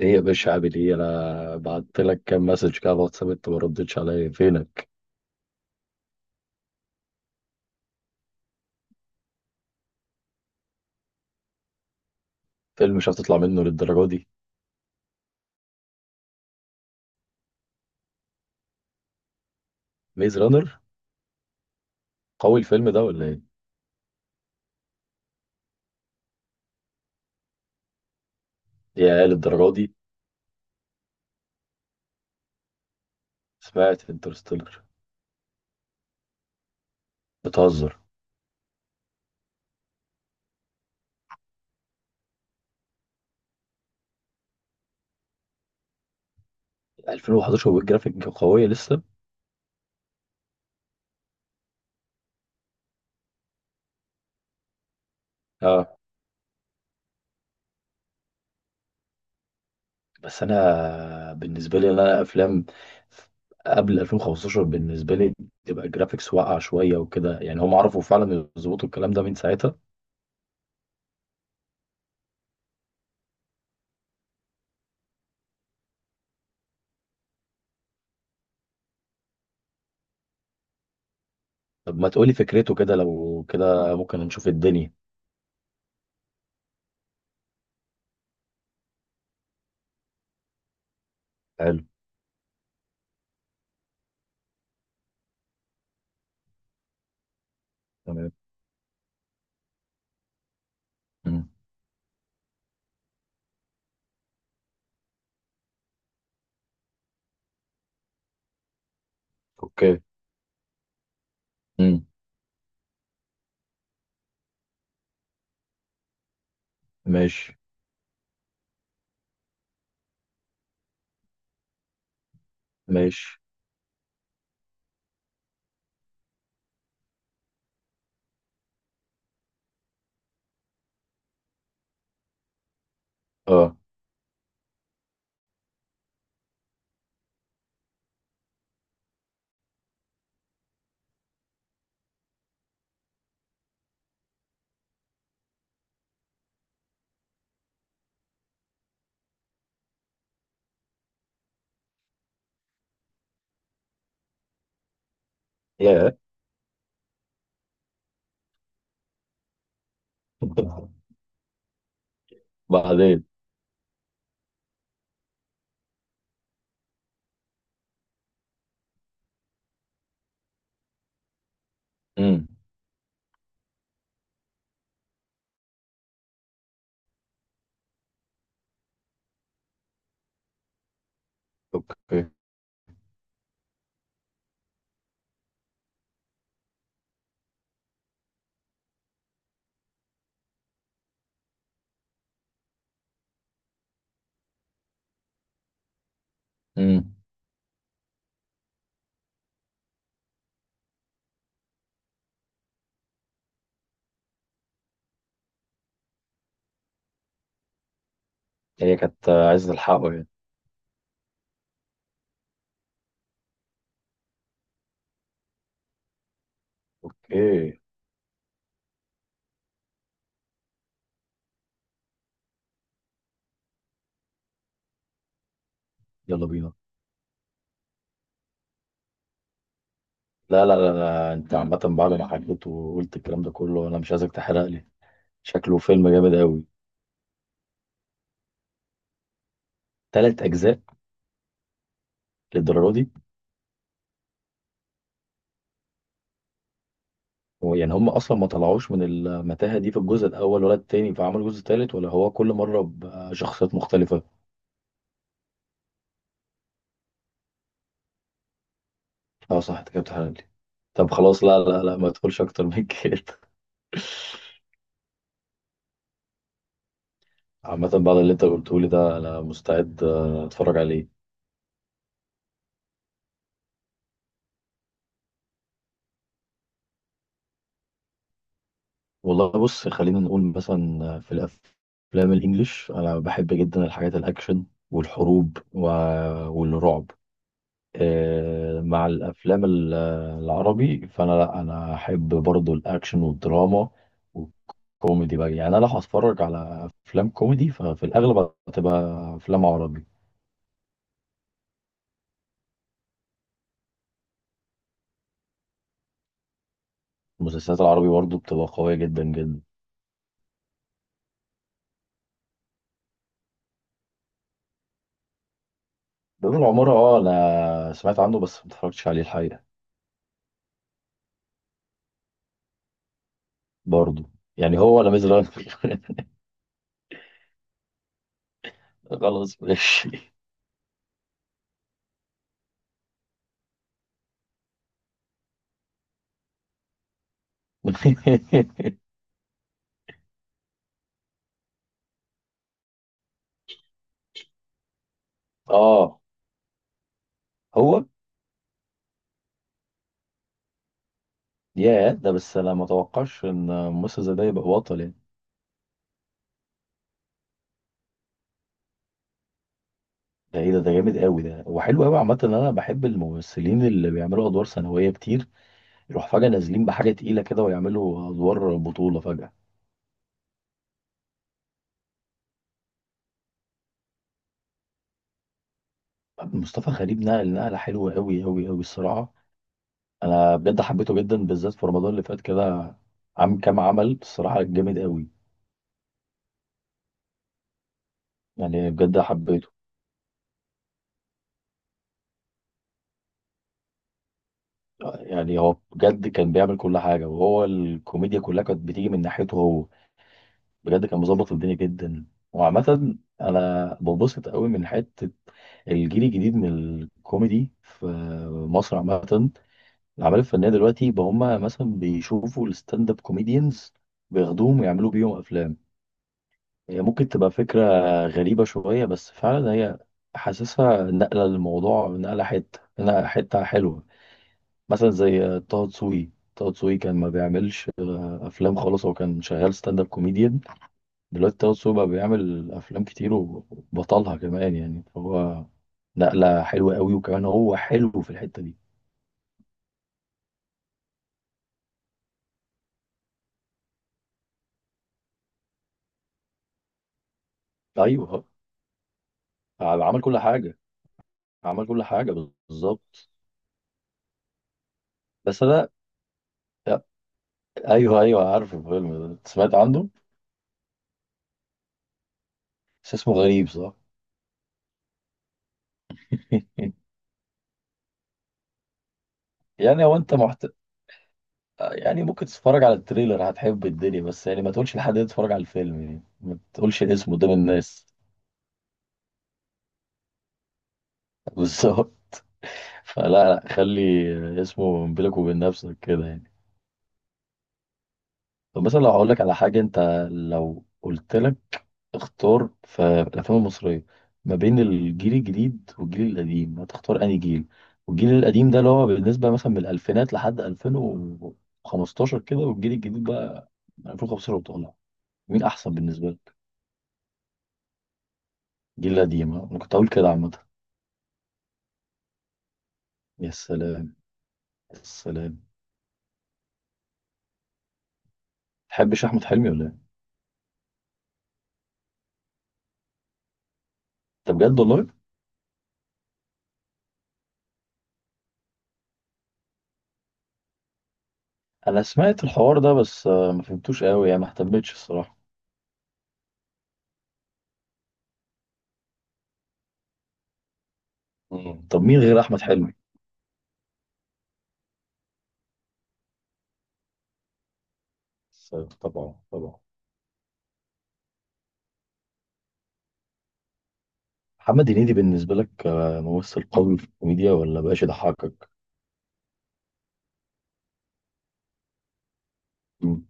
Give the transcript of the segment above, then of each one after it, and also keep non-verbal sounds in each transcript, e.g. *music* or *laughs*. ايه يا باشا؟ عامل ايه؟ انا بعت لك كام مسج كده على الواتساب، انت ما ردتش عليا، فينك؟ فيلم مش هتطلع منه للدرجه دي؟ ميز رانر. قوي الفيلم ده ولا ايه؟ يا للدرجه دي. سمعت انترستيلر؟ بتهزر. 2011 والجرافيك قويه لسه؟ اه. بس انا بالنسبه لي انا افلام قبل 2015 بالنسبه لي تبقى الجرافيكس واقعه شويه وكده. يعني هم عرفوا فعلا يظبطوا الكلام ده من ساعتها. طب ما تقولي فكرته كده، لو كده ممكن نشوف الدنيا. حلو. تمام. اوكي. امم. ماشي. ماشي. اه. يا. *laughs* بعدين. امم. اوكي. امم. هي كانت عايزة تلحقه يعني؟ اوكي. يلا بينا. لا. انت عامة بعد ما حكيت وقلت الكلام ده كله انا مش عايزك تحرق لي. شكله فيلم جامد قوي. تلات اجزاء؟ للدرجة دي؟ هو يعني هم اصلا ما طلعوش من المتاهة دي في الجزء الاول ولا التاني فعملوا جزء تالت، ولا هو كل مرة بشخصيات مختلفة؟ اه صح، انت كده بتحرق لي. طب خلاص، لا ما تقولش اكتر من كده. عامة بعد اللي انت قلته لي ده انا مستعد اتفرج عليه. والله بص، خلينا نقول مثلا في الافلام الانجليش انا بحب جدا الحاجات الاكشن والحروب و- والرعب. مع الافلام العربي فانا، لا انا احب برضو الاكشن والدراما والكوميدي بقى. يعني انا لو هتفرج على افلام كوميدي ففي الاغلب هتبقى افلام عربي. المسلسلات العربي برضو بتبقى قوية جدا جدا بيوم العمارة، اه انا سمعت عنه بس ما اتفرجتش عليه الحقيقة. برضه. يعني هو ولا ميز رانر؟ *laughs* خلاص ماشي. *laughs* اه هو. يا ده، بس انا ما اتوقعش ان ممثل زي ده يبقى بطل يعني. ده ايه ده جامد قوي، ده وحلو قوي عامة. ان انا بحب الممثلين اللي بيعملوا ادوار ثانوية كتير، يروح فجأة نازلين بحاجة تقيلة كده ويعملوا ادوار بطولة فجأة. مصطفى غريب نقل نقلة حلوة قوي الصراحة. انا بجد حبيته جدا، بالذات في رمضان اللي فات كده. عم كام عمل، الصراحه جامد قوي. يعني بجد حبيته. يعني هو بجد كان بيعمل كل حاجه، وهو الكوميديا كلها كانت بتيجي من ناحيته هو. بجد كان مظبط الدنيا جدا. وعامه انا ببسط قوي من حته الجيل الجديد من الكوميدي في مصر. عامه الاعمال الفنيه دلوقتي بقى هم مثلا بيشوفوا الستاند اب كوميديانز بياخدوهم ويعملوا بيهم افلام. هي ممكن تبقى فكرة غريبة شوية، بس فعلا هي حاسسها نقلة للموضوع، نقلة حتة، نقلة حتة حلوة. مثلا زي طه دسوقي. طه دسوقي كان ما بيعملش أفلام خالص، هو كان شغال ستاند اب كوميديان. دلوقتي طه دسوقي بقى بيعمل أفلام كتير وبطلها كمان يعني، فهو نقلة حلوة قوي، وكمان هو حلو في الحتة دي. أيوه. عمل كل حاجة. عمل كل حاجة، بالظبط. بس أنا، أيوه أيوه عارف الفيلم ده، سمعت عنه. بس اسمه غريب، صح؟ *laughs* يعني هو انت محت... يعني ممكن تتفرج على التريلر هتحب الدنيا، بس يعني ما تقولش لحد انت تتفرج على الفيلم، يعني ما تقولش الاسم قدام الناس. *laughs* بالظبط. فلا، لا، خلي اسمه بينك وبين نفسك كده يعني. طب مثلا لو هقول لك على حاجة، انت لو قلت لك اختار في الافلام المصرية ما بين الجيل الجديد والجيل القديم، هتختار انهي جيل؟ والجيل القديم ده اللي هو بالنسبة مثلا من الالفينات لحد 2015 كده، والجيل الجديد بقى 2015 وطالع. مين احسن بالنسبه لك؟ جيل قديم؟ ها؟ انا كنت هقول كده عامه. يا سلام، يا سلام. تحبش احمد حلمي ولا ايه؟ طب بجد والله؟ انا سمعت الحوار ده بس ما فهمتوش قوي يعني ما اهتمتش الصراحه. مم. طب مين غير احمد حلمي؟ س- طبعا طبعا. محمد هنيدي بالنسبه لك ممثل قوي في الكوميديا ولا بقاش يضحكك؟ مم.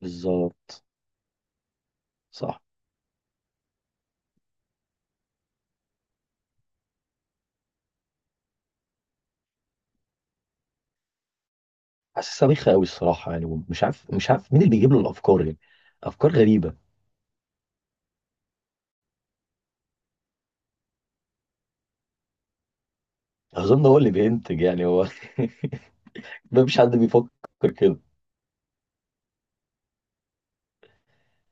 بالظبط. صح. حاسسها بيخة قوي الصراحه، يعني مش عارف مين اللي بيجيب له الافكار يعني، افكار غريبه. اظن هو اللي بينتج، يعني هو. *laughs* ما فيش حد بيفكر كده.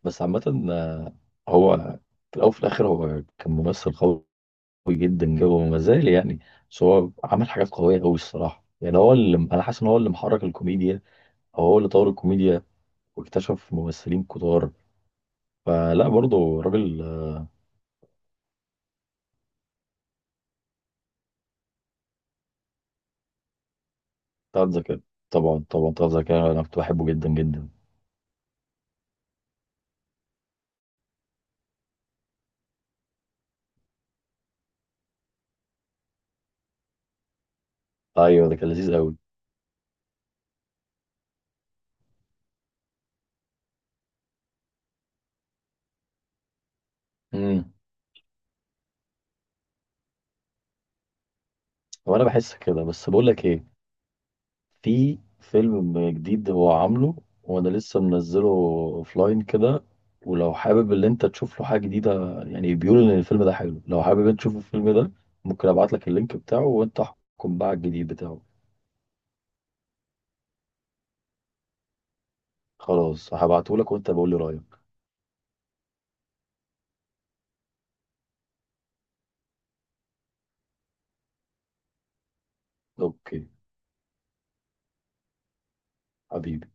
بس عامة، هو في الأول وفي الآخر هو كان ممثل قوي جدا جدا، وما زال يعني. بس هو عمل حاجات قوية أوي الصراحة، يعني هو اللي أنا حاسس إن هو اللي محرك الكوميديا، أو هو اللي طور الكوميديا واكتشف ممثلين كتار. فلا، برضه راجل. بتاع ذكاء، طبعا طبعا. بتاع ذكاء أنا كنت بحبه جدا جدا. أيوه ده كان لذيذ أوي. امم. وأنا بحس كده، بس بقول لك إيه. في فيلم جديد هو عامله، وانا لسه منزله اوفلاين كده، ولو حابب ان انت تشوف له حاجه جديده، يعني بيقولوا ان الفيلم ده حلو. لو حابب انت تشوف الفيلم ده ممكن ابعت لك اللينك بتاعه وانت احكم بقى على الجديد بتاعه. خلاص هبعته لك وانت بقول لي رايك. اوكي. حبيبي.